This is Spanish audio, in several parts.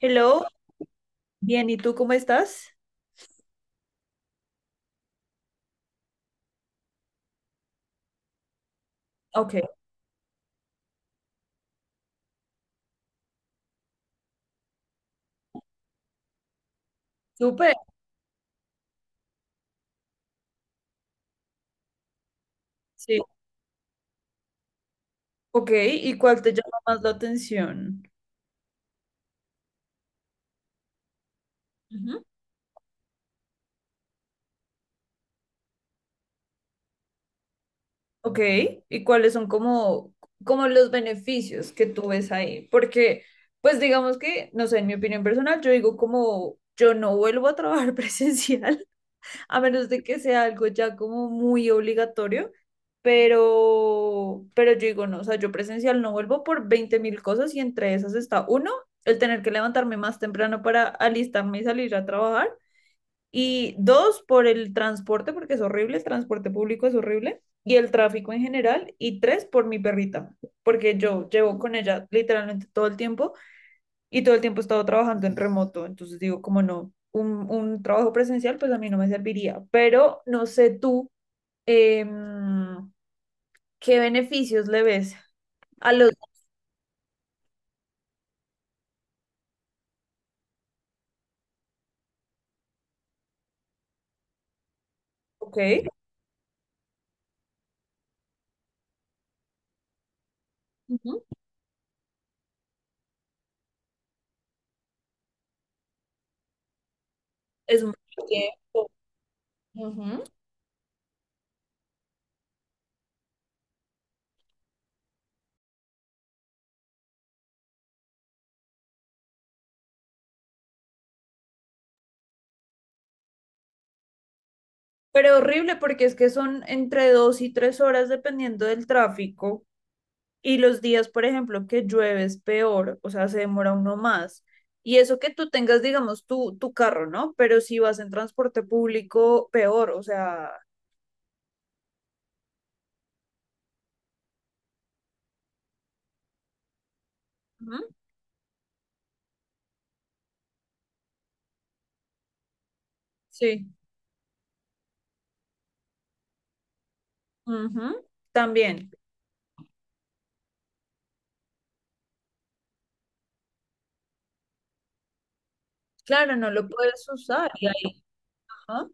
Hello, bien, ¿y tú cómo estás? Ok, súper, sí. Ok, ¿y cuál te llama más la atención? Ujú. Ok, ¿y cuáles son como, como los beneficios que tú ves ahí? Porque, pues digamos que, no sé, en mi opinión personal, yo digo como yo no vuelvo a trabajar presencial a menos de que sea algo ya como muy obligatorio, pero yo digo, no, o sea, yo presencial no vuelvo por 20 mil cosas y entre esas está, uno, el tener que levantarme más temprano para alistarme y salir a trabajar, y dos, por el transporte, porque es horrible, el transporte público es horrible, y el tráfico en general, y tres, por mi perrita, porque yo llevo con ella literalmente todo el tiempo y todo el tiempo he estado trabajando en remoto, entonces digo, como no, un trabajo presencial pues a mí no me serviría, pero no sé tú em, qué beneficios le ves a los... Ok, ujú, es mucho tiempo. Ujú. Pero horrible porque es que son entre 2 y 3 horas dependiendo del tráfico y los días, por ejemplo, que llueve es peor, o sea, se demora uno más. Y eso que tú tengas, digamos, tu carro, ¿no? Pero si vas en transporte público, peor, o sea, ujú. Sí. Ujú, también. Claro, no lo puedes usar. Y, ahí, ¿no?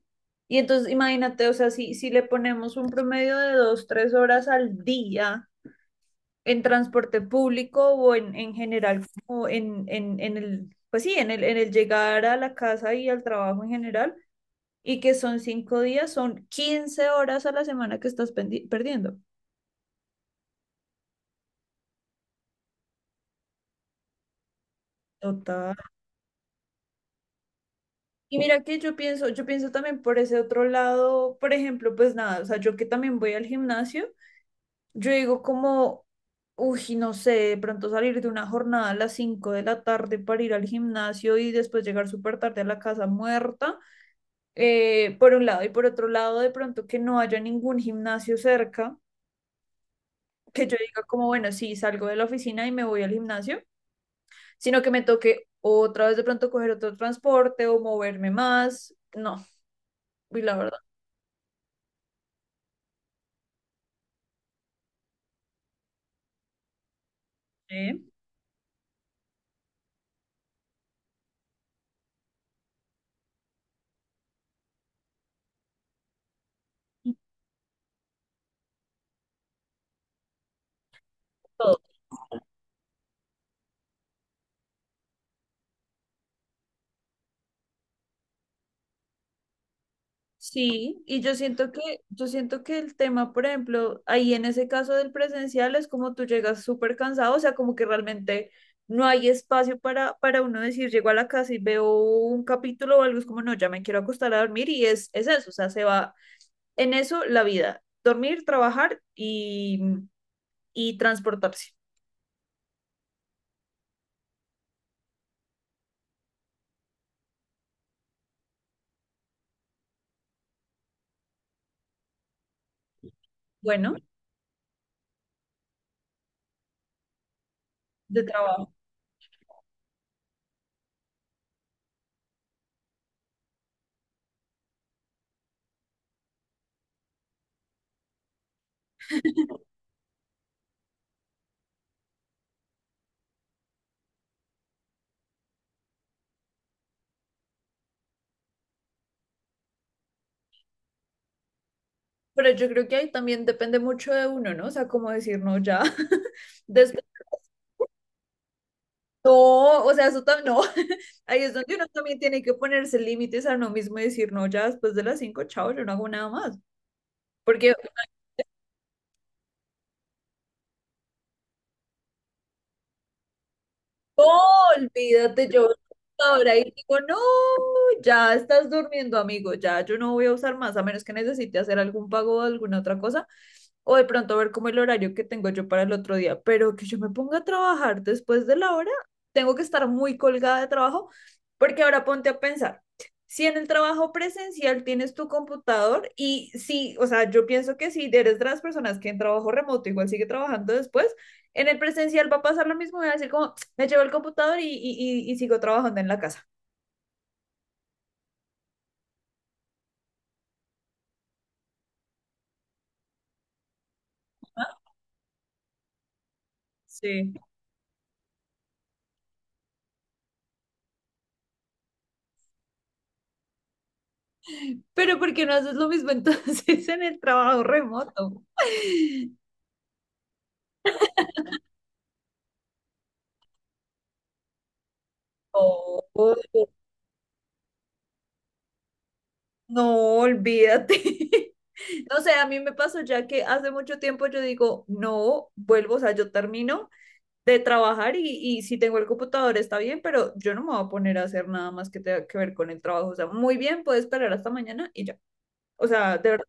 Y entonces imagínate, o sea, si le ponemos un promedio de dos, tres horas al día en transporte público o en general, como en el, pues sí, en el llegar a la casa y al trabajo en general, y que son 5 días, son 15 horas a la semana que estás perdiendo. Total. Y mira que yo pienso también por ese otro lado, por ejemplo, pues nada, o sea, yo que también voy al gimnasio, yo digo como, uy, no sé, de pronto salir de una jornada a las 5 de la tarde para ir al gimnasio y después llegar súper tarde a la casa muerta, por un lado, y por otro lado, de pronto que no haya ningún gimnasio cerca, que yo diga como, bueno, sí, salgo de la oficina y me voy al gimnasio, sino que me toque otra vez de pronto coger otro transporte o moverme más, no, y la verdad, ¿eh? Todo. Sí, y yo siento que el tema, por ejemplo, ahí en ese caso del presencial es como tú llegas súper cansado, o sea, como que realmente no hay espacio para uno decir, llego a la casa y veo un capítulo o algo, es como, no, ya me quiero acostar a dormir y es eso, o sea, se va en eso la vida, dormir, trabajar y transportarse, bueno, de trabajo. Pero yo creo que ahí también depende mucho de uno, ¿no? O sea, como decir, no, ya, después. No, o sea, eso también no. Ahí es donde uno también tiene que ponerse límites a uno mismo y decir, no, ya después de las 5, chao, yo no hago nada más. Porque oh, olvídate, yo ahora y digo, no, ya estás durmiendo, amigo, ya yo no voy a usar más, a menos que necesite hacer algún pago o alguna otra cosa, o de pronto ver como el horario que tengo yo para el otro día, pero que yo me ponga a trabajar después de la hora, tengo que estar muy colgada de trabajo, porque ahora ponte a pensar. Si en el trabajo presencial tienes tu computador y si, o sea, yo pienso que si eres de las personas que en trabajo remoto igual sigue trabajando después, en el presencial va a pasar lo mismo, voy a decir como, me llevo el computador y sigo trabajando en la casa. Sí. Pero ¿por qué no haces lo mismo entonces en el trabajo remoto? No, no, olvídate. No sé, a mí me pasó ya que hace mucho tiempo yo digo, no, vuelvo, o sea, yo termino de trabajar y si tengo el computador está bien, pero yo no me voy a poner a hacer nada más que tenga que ver con el trabajo. O sea, muy bien, puedes esperar hasta mañana y ya. O sea, de verdad,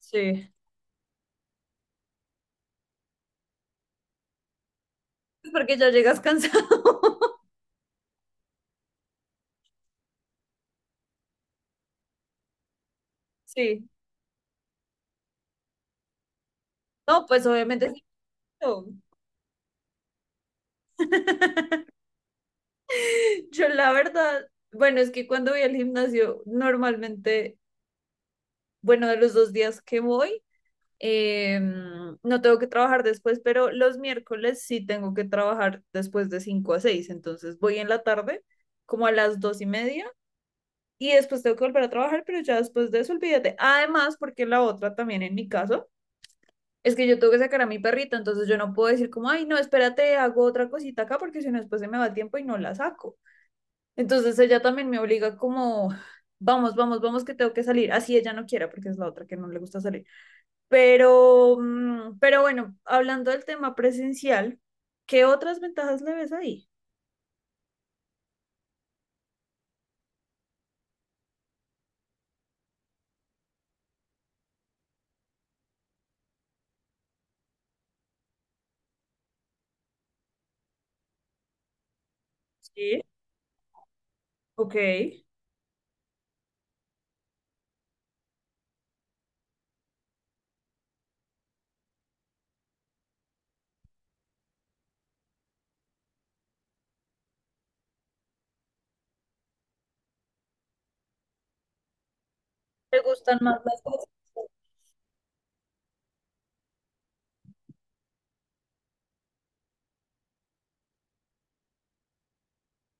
sí, porque ya llegas cansado. Sí. No, pues obviamente sí. Yo, yo la verdad, bueno, es que cuando voy al gimnasio, normalmente, bueno, de los 2 días que voy, no tengo que trabajar después, pero los miércoles sí tengo que trabajar después de 5 a 6, entonces voy en la tarde, como a las 2 y media, y después tengo que volver a trabajar, pero ya después de eso, olvídate. Además, porque la otra también en mi caso. Es que yo tengo que sacar a mi perrita, entonces yo no puedo decir como, ay, no, espérate, hago otra cosita acá porque si no después se me va el tiempo y no la saco. Entonces ella también me obliga como, vamos, vamos, vamos que tengo que salir. Así ella no quiera porque es la otra que no le gusta salir. Pero, mm, pero bueno, hablando del tema presencial, ¿qué otras ventajas le ves ahí? Sí, ok. ¿Te gustan más las cosas?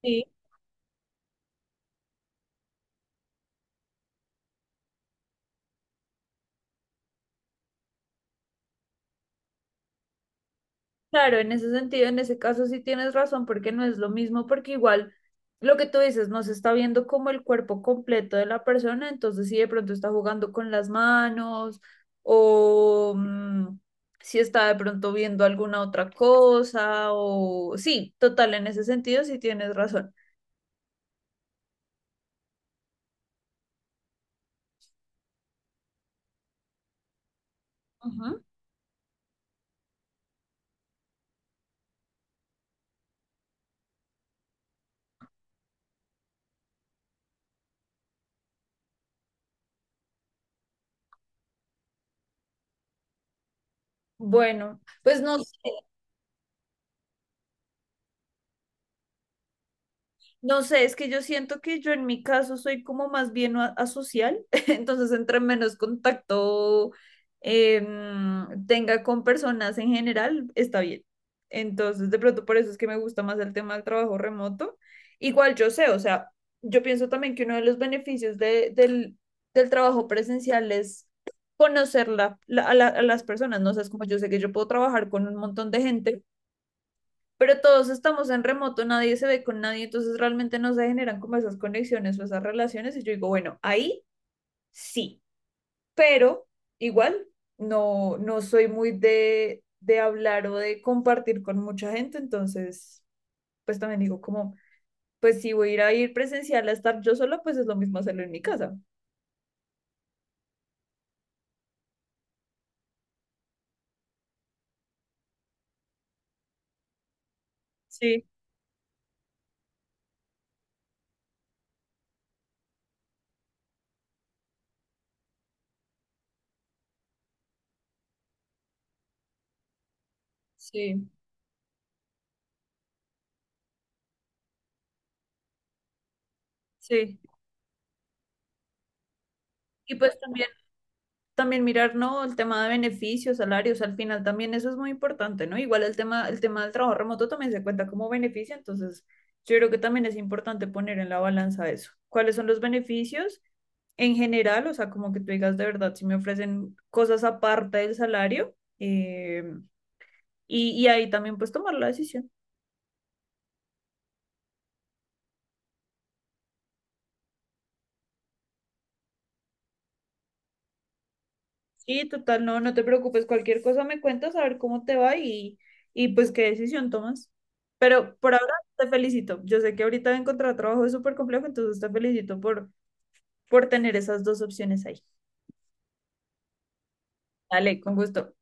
Sí, claro, en ese sentido, en ese caso sí tienes razón porque no es lo mismo porque igual... Lo que tú dices, no se está viendo como el cuerpo completo de la persona, entonces si de pronto está jugando con las manos o mm, si está de pronto viendo alguna otra cosa o sí, total, en ese sentido sí tienes razón. Ujú. Bueno, pues no, no sé, es que yo siento que yo en mi caso soy como más bien asocial, entonces entre menos contacto tenga con personas en general, está bien. Entonces, de pronto por eso es que me gusta más el tema del trabajo remoto. Igual yo sé, o sea, yo pienso también que uno de los beneficios del del trabajo presencial es conocer a las personas, ¿no? O sea, es como yo sé que yo puedo trabajar con un montón de gente pero todos estamos en remoto, nadie se ve con nadie, entonces realmente no se generan como esas conexiones o esas relaciones. Y yo digo, bueno, ahí sí, pero igual no, no soy muy de hablar o de compartir con mucha gente, entonces pues también digo como, pues si voy a ir presencial a estar yo sola, pues es lo mismo hacerlo en mi casa. Sí, sí, sí. Y pues también también mirar, ¿no? El tema de beneficios, salarios, al final también eso es muy importante, ¿no? Igual el tema del trabajo remoto también se cuenta como beneficio, entonces yo creo que también es importante poner en la balanza eso. ¿Cuáles son los beneficios en general? O sea, como que tú digas de verdad, si me ofrecen cosas aparte del salario, y ahí también pues tomar la decisión. Sí, total, no, no te preocupes, cualquier cosa me cuentas a ver cómo te va y pues qué decisión tomas. Pero por ahora te felicito. Yo sé que ahorita encontrar trabajo es súper complejo, entonces te felicito por tener esas dos opciones ahí. Dale, con gusto.